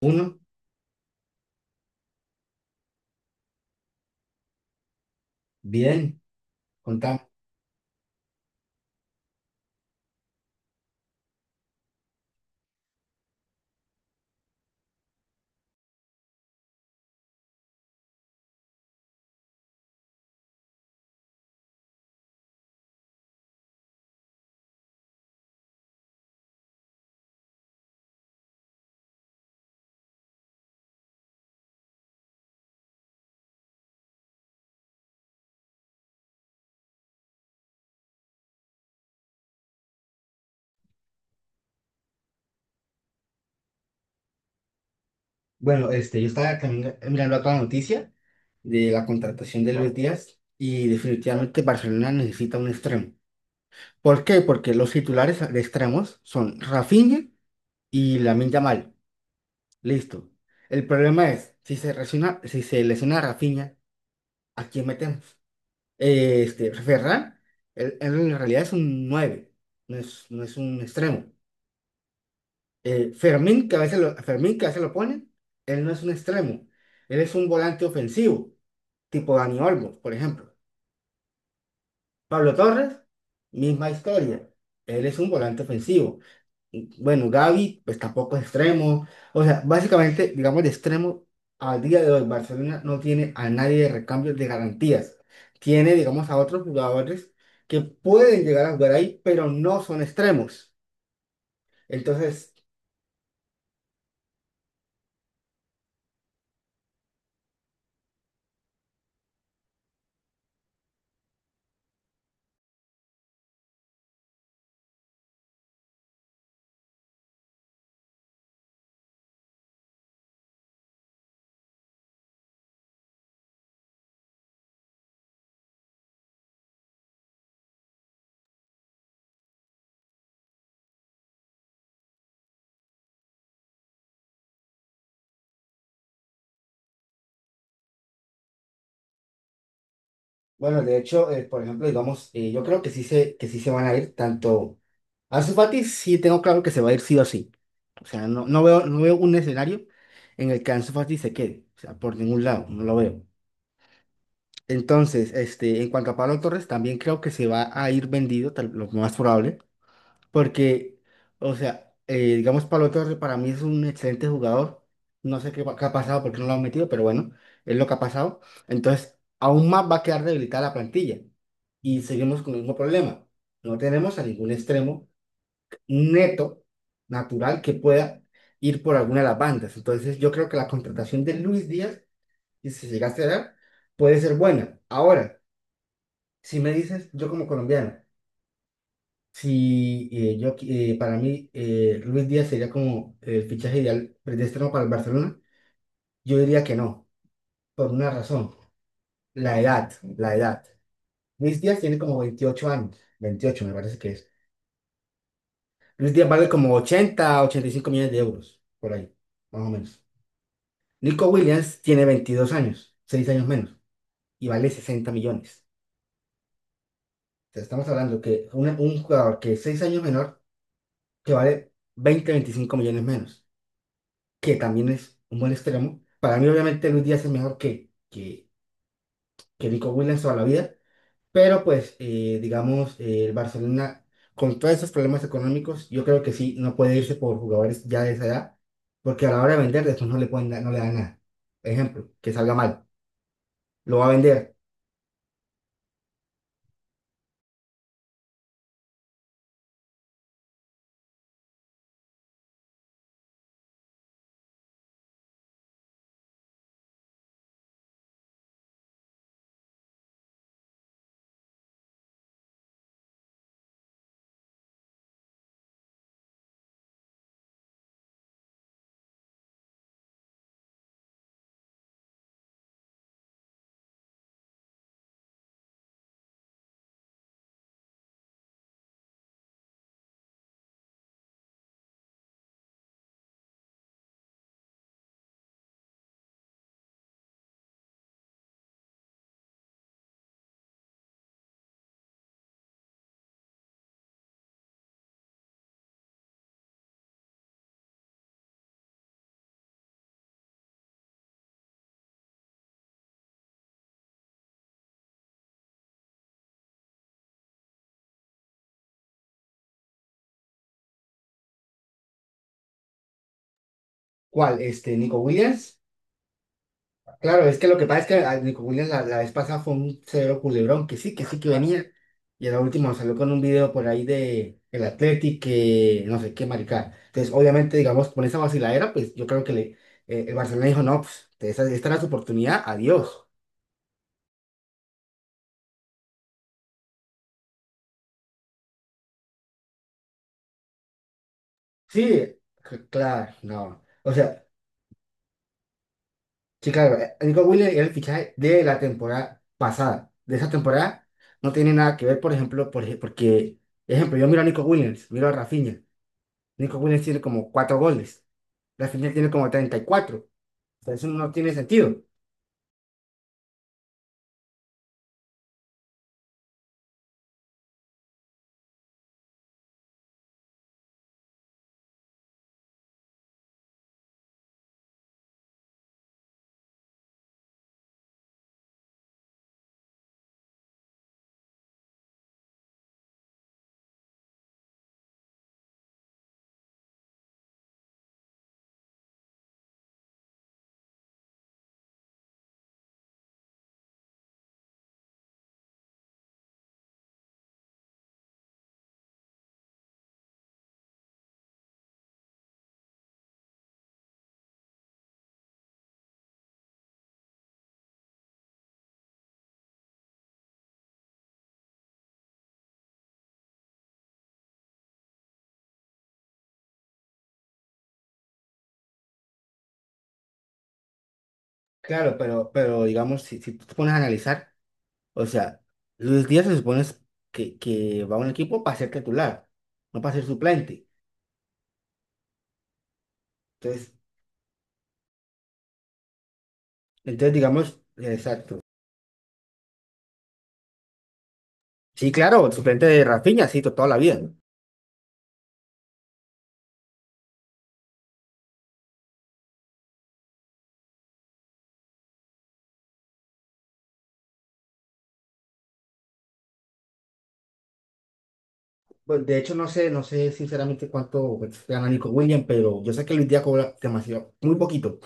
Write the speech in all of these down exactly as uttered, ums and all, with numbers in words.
Uno, bien, contamos. Bueno, este, yo estaba también mirando acá la noticia de la contratación de Luis Díaz, y definitivamente Barcelona necesita un extremo. ¿Por qué? Porque los titulares de extremos son Rafinha y Lamine Yamal. Listo. El problema es, si se lesiona, si se lesiona Rafinha, ¿a quién metemos? Este, Ferran, él- él en realidad es un nueve, no es, no es un extremo. eh, Fermín, que a veces lo, Fermín, que a veces lo ponen, él no es un extremo, él es un volante ofensivo, tipo Dani Olmo, por ejemplo. Pablo Torres, misma historia, él es un volante ofensivo. Y, Bueno, Gavi, pues tampoco es extremo. O sea, básicamente, digamos, de extremo, al día de hoy, Barcelona no tiene a nadie de recambio de garantías. Tiene, digamos, a otros jugadores que pueden llegar a jugar ahí, pero no son extremos. Entonces, Bueno, de hecho, eh, por ejemplo, digamos, eh, yo creo que sí se, que sí se van a ir tanto. Ansu Fati sí tengo claro que se va a ir sí o sí. O sea, no, no veo, no veo un escenario en el que Ansu Fati se quede. O sea, por ningún lado, no lo veo. Entonces, este, en cuanto a Pablo Torres, también creo que se va a ir vendido, tal- lo más probable. Porque, o sea, eh, digamos, Pablo Torre para mí es un excelente jugador. No sé qué, va- qué ha pasado, porque no lo han metido, pero bueno, es lo que ha pasado. Entonces, aún más va a quedar debilitada la plantilla. Y seguimos con el mismo problema. No tenemos a ningún extremo neto, natural, que pueda ir por alguna de las bandas. Entonces, yo creo que la contratación de Luis Díaz, y si se llega a cerrar, puede ser buena. Ahora, si me dices, yo como colombiano, si eh, yo, qui- eh, para mí, eh, Luis Díaz sería como el fichaje ideal predestinado para el Barcelona. Yo diría que no, por una razón, la edad, la edad. Luis Díaz tiene como veintiocho años, veintiocho me parece que es. Luis Díaz vale como ochenta, ochenta y cinco millones de euros, por ahí, más o menos. Nico Williams tiene veintidós años, seis años menos, y vale sesenta millones. O sea, estamos hablando que una- un jugador que es seis años menor, que vale veinte, veinticinco millones menos, que también es un buen extremo. Para mí, obviamente, Luis Díaz es mejor que, que, que Nico Williams toda la vida, pero pues, eh, digamos, eh, el Barcelona, con todos esos problemas económicos, yo creo que sí, no puede irse por jugadores ya de esa edad, porque a la hora de vender, después no le pueden dar- no le dan nada. Ejemplo, que salga mal, lo va a vender. ¿Cuál? Este, Nico Williams. Claro, es que lo que pasa es que a Nico Williams la, la vez pasada fue un severo culebrón, que sí, que sí que venía. Y en la última salió con un video por ahí de el Athletic, que no sé qué maricada. Entonces, obviamente, digamos, con esa vaciladera, pues yo creo que le, eh, el Barcelona dijo, no, pues esta, esta era su oportunidad, adiós. Sí, c- claro, no. O sea, sí, claro, eh, Nico Williams era el fichaje de la temporada pasada. De esa temporada no tiene nada que ver, por ejemplo, por, ej- porque, ejemplo, yo miro a Nico Williams, miro a Rafinha. Nico Williams tiene como cuatro goles. La final tiene como treinta y cuatro. O sea, eso no tiene sentido. Claro, pero, pero digamos, si, si tú te pones a analizar, o sea, Luis Díaz se supone es que, que va a un equipo para ser titular, no para ser suplente. Entonces, entonces digamos, eh, exacto. Sí, claro, el suplente de Rafinha, sí, to- toda la vida, ¿no? Pues, de hecho, no sé, no sé sinceramente cuánto pues, gana Nico Williams, pero yo sé que Luis Díaz cobra demasiado, muy poquito.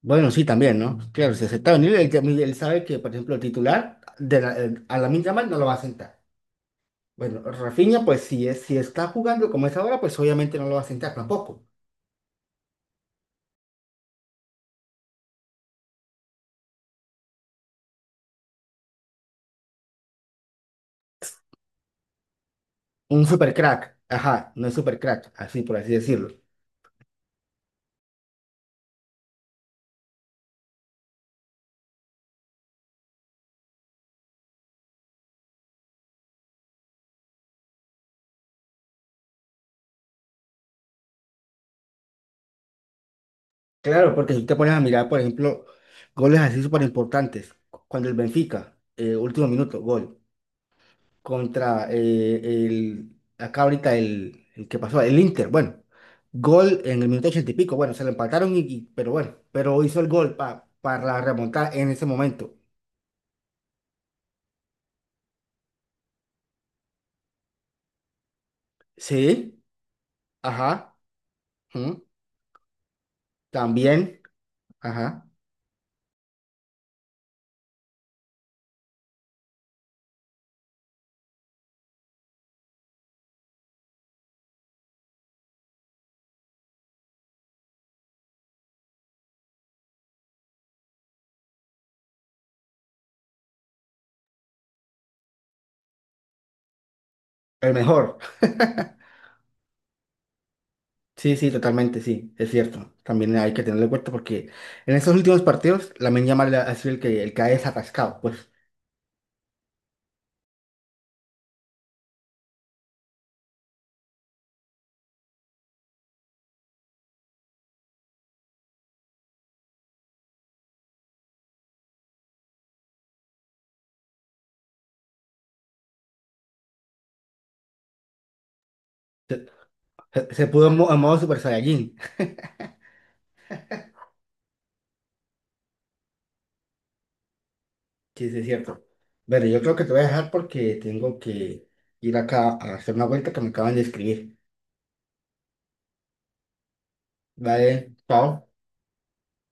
Bueno, sí, también, ¿no? Claro, si acepta está venir, él, él sabe que, por ejemplo, el titular de la- el- a la Yamal no lo va a sentar. Bueno, Rafinha, pues si, es, si está jugando como es ahora, pues obviamente no lo va a sentar tampoco. Un super crack, ajá, no es super crack, así por así decirlo. Claro, porque si te pones a mirar, por ejemplo, goles así súper importantes, cu- cuando el Benfica, eh, último minuto, gol, contra eh, el, acá ahorita el, el que pasó, el Inter, bueno, gol en el minuto ochenta y pico, bueno, se lo empataron, y, y- pero bueno, pero hizo el gol pa- para remontar en ese momento. Sí, ajá, ujú, también. Ajá. El mejor. Sí, sí, totalmente, sí, es cierto. También hay que tenerlo en cuenta porque en estos últimos partidos, la Yamal ha sido el que, el que ha desatascado, pues. Se, se- Se pudo en, mo- en modo Super Saiyajin. Sí, sí, es cierto. Bueno, yo creo que te voy a dejar porque tengo que ir acá a hacer una vuelta que me acaban de escribir. Vale, chao.